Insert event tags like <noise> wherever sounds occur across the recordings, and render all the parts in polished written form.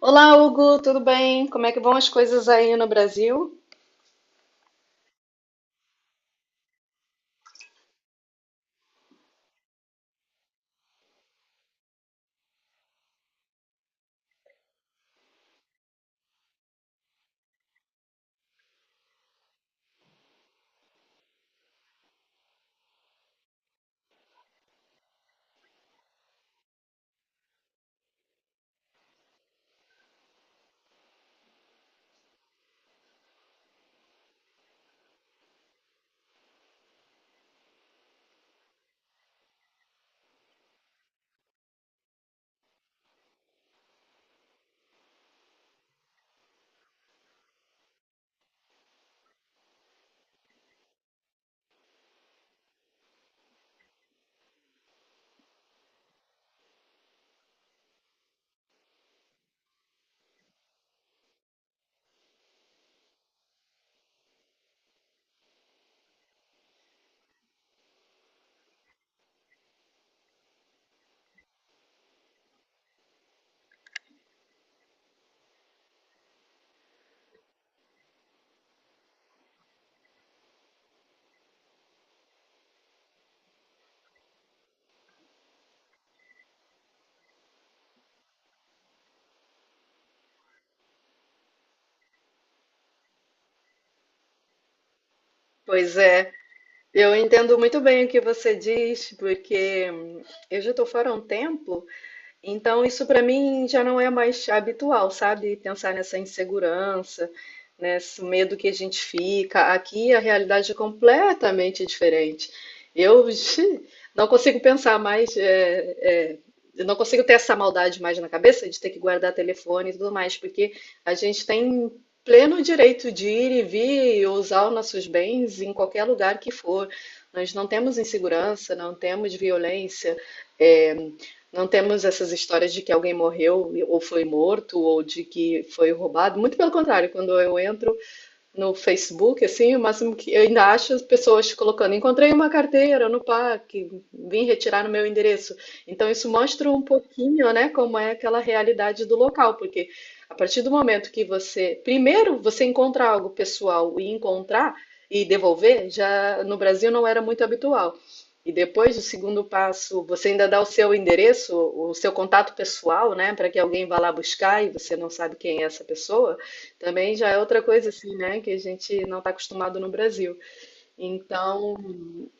Olá, Hugo, tudo bem? Como é que vão as coisas aí no Brasil? Pois é, eu entendo muito bem o que você diz, porque eu já estou fora há um tempo. Então, isso para mim já não é mais habitual, sabe? Pensar nessa insegurança, nesse medo que a gente fica. Aqui a realidade é completamente diferente. Eu <laughs> ixi, não consigo pensar mais, é, eu não consigo ter essa maldade mais na cabeça de ter que guardar telefone e tudo mais, porque a gente tem pleno direito de ir e vir e usar os nossos bens em qualquer lugar que for. Nós não temos insegurança, não temos violência. é, não temos essas histórias de que alguém morreu ou foi morto ou de que foi roubado. Muito pelo contrário, quando eu entro no Facebook, assim, o máximo que eu ainda acho as pessoas colocando, encontrei uma carteira no parque, vim retirar no meu endereço. Então isso mostra um pouquinho, né, como é aquela realidade do local, porque a partir do momento que você, primeiro você encontra algo pessoal e encontrar e devolver, já no Brasil não era muito habitual. E depois, o segundo passo, você ainda dá o seu endereço, o seu contato pessoal, né, para que alguém vá lá buscar e você não sabe quem é essa pessoa. Também já é outra coisa assim, né, que a gente não está acostumado no Brasil. Então,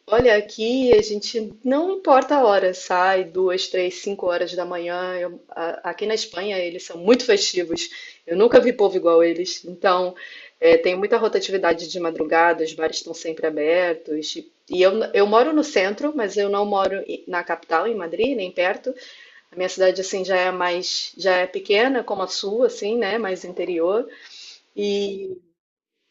olha, aqui a gente não importa a hora, sai duas, três, cinco horas da manhã. Aqui na Espanha eles são muito festivos. Eu nunca vi povo igual eles. Então, é, tem muita rotatividade de madrugada, os bares estão sempre abertos. E eu moro no centro, mas eu não moro na capital, em Madrid, nem perto. A minha cidade assim já é mais, já é pequena como a sua, assim, né, mais interior. E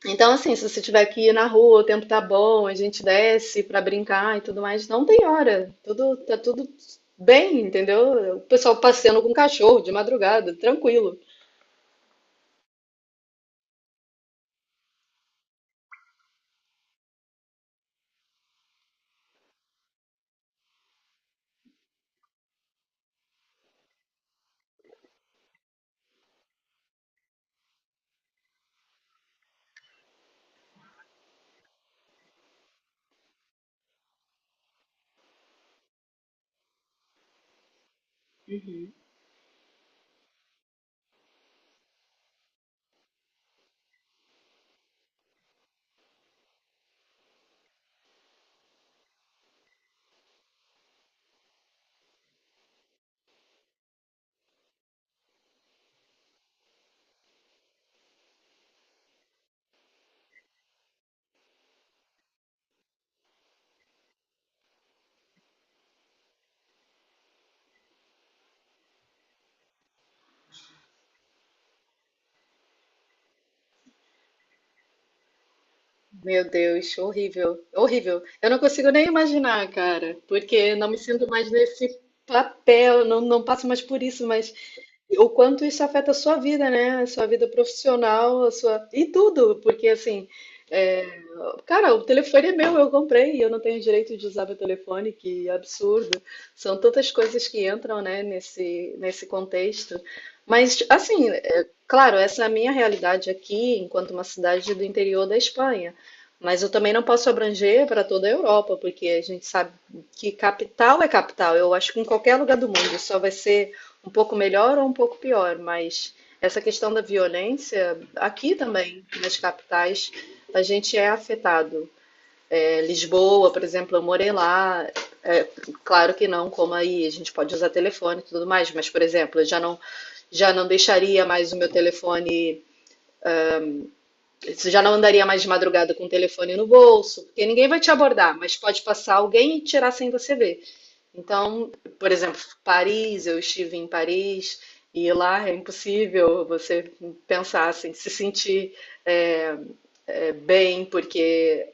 então, assim, se você tiver que ir na rua, o tempo tá bom, a gente desce pra brincar e tudo mais, não tem hora. Tudo, tá tudo bem, entendeu? O pessoal passeando com cachorro de madrugada, tranquilo. Meu Deus, horrível, horrível. Eu não consigo nem imaginar, cara, porque não me sinto mais nesse papel, não, não passo mais por isso, mas. E o quanto isso afeta a sua vida, né? A sua vida profissional, a sua... e tudo, porque assim, é, cara, o telefone é meu, eu comprei e eu não tenho direito de usar meu telefone, que absurdo. São tantas coisas que entram, né, nesse contexto. Mas, assim, é, claro, essa é a minha realidade aqui, enquanto uma cidade do interior da Espanha. Mas eu também não posso abranger para toda a Europa, porque a gente sabe que capital é capital. Eu acho que em qualquer lugar do mundo só vai ser um pouco melhor ou um pouco pior, mas essa questão da violência, aqui também, nas capitais, a gente é afetado. É, Lisboa, por exemplo, eu morei lá, é, claro que não, como aí, a gente pode usar telefone e tudo mais, mas, por exemplo, eu já não deixaria mais o meu telefone. Já não andaria mais de madrugada com o telefone no bolso, porque ninguém vai te abordar, mas pode passar alguém e tirar sem você ver. Então, por exemplo, Paris, eu estive em Paris e lá é impossível você pensar assim, se sentir é, bem, porque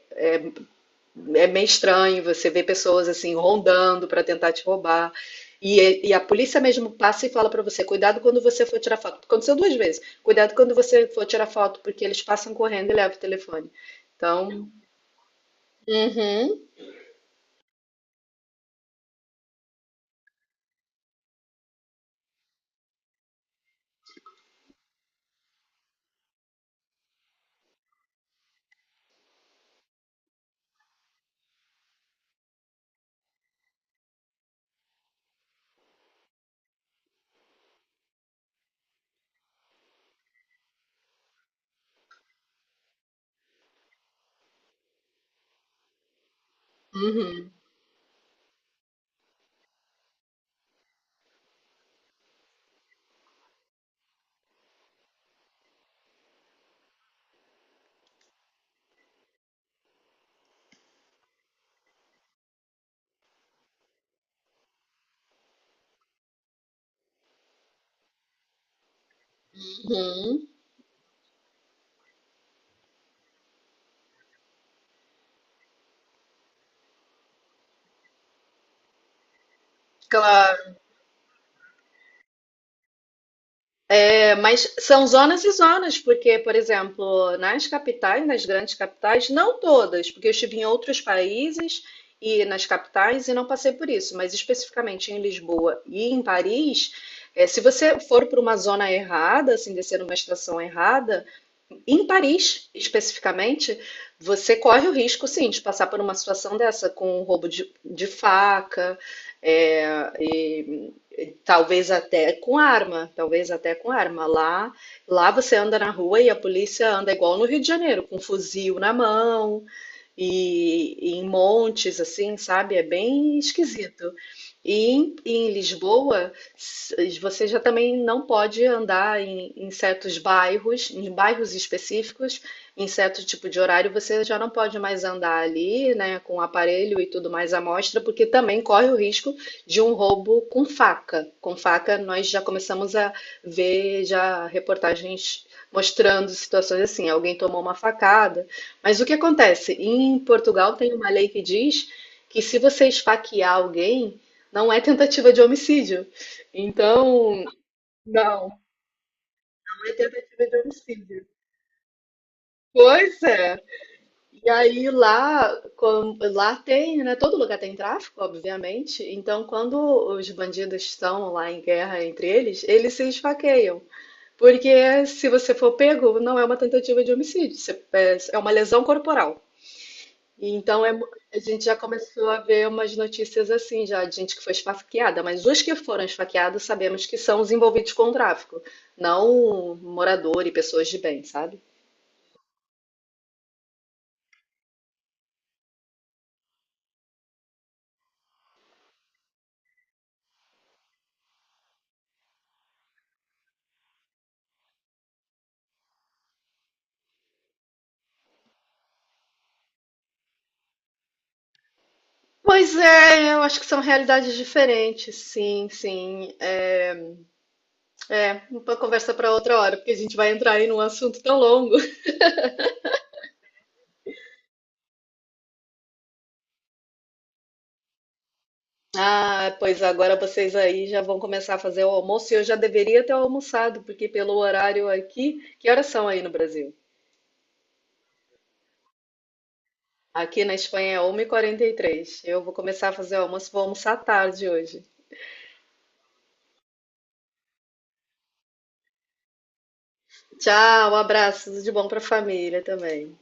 é meio estranho você ver pessoas assim rondando para tentar te roubar. E a polícia mesmo passa e fala para você, cuidado quando você for tirar foto. Aconteceu duas vezes. Cuidado quando você for tirar foto, porque eles passam correndo e levam o telefone. Então, uhum, uhum, uhum. Claro. É, mas são zonas e zonas, porque, por exemplo, nas capitais, nas grandes capitais, não todas, porque eu estive em outros países e nas capitais e não passei por isso, mas especificamente em Lisboa e em Paris, é, se você for para uma zona errada, assim, descer numa estação errada, em Paris, especificamente, você corre o risco, sim, de passar por uma situação dessa, com um roubo de faca, é, e talvez até com arma, talvez até com arma. Lá, lá você anda na rua e a polícia anda igual no Rio de Janeiro, com um fuzil na mão, e em montes, assim, sabe? É bem esquisito. E em Lisboa, você já também não pode andar em certos bairros, em bairros específicos, em certo tipo de horário, você já não pode mais andar ali, né, com aparelho e tudo mais à mostra, porque também corre o risco de um roubo com faca. Com faca, nós já começamos a ver já reportagens mostrando situações assim, alguém tomou uma facada. Mas o que acontece? Em Portugal tem uma lei que diz que se você esfaquear alguém, não é tentativa de homicídio. Então, não, não é tentativa de homicídio. Pois é. E aí lá, lá tem, né? Todo lugar tem tráfico, obviamente. Então, quando os bandidos estão lá em guerra entre eles, eles se esfaqueiam. Porque se você for pego, não é uma tentativa de homicídio, é uma lesão corporal. Então é mu- a gente já começou a ver umas notícias assim já de gente que foi esfaqueada, mas os que foram esfaqueados sabemos que são os envolvidos com o tráfico, não morador e pessoas de bem, sabe? Pois é, eu acho que são realidades diferentes, sim, sim. É, é uma conversa para outra hora, porque a gente vai entrar aí num assunto tão longo. <laughs> Ah, pois agora vocês aí já vão começar a fazer o almoço e eu já deveria ter almoçado, porque pelo horário aqui, que horas são aí no Brasil? Aqui na Espanha é 1h43. Eu vou começar a fazer o almoço, vou almoçar tarde hoje. Tchau, um abraço, tudo de bom para a família também.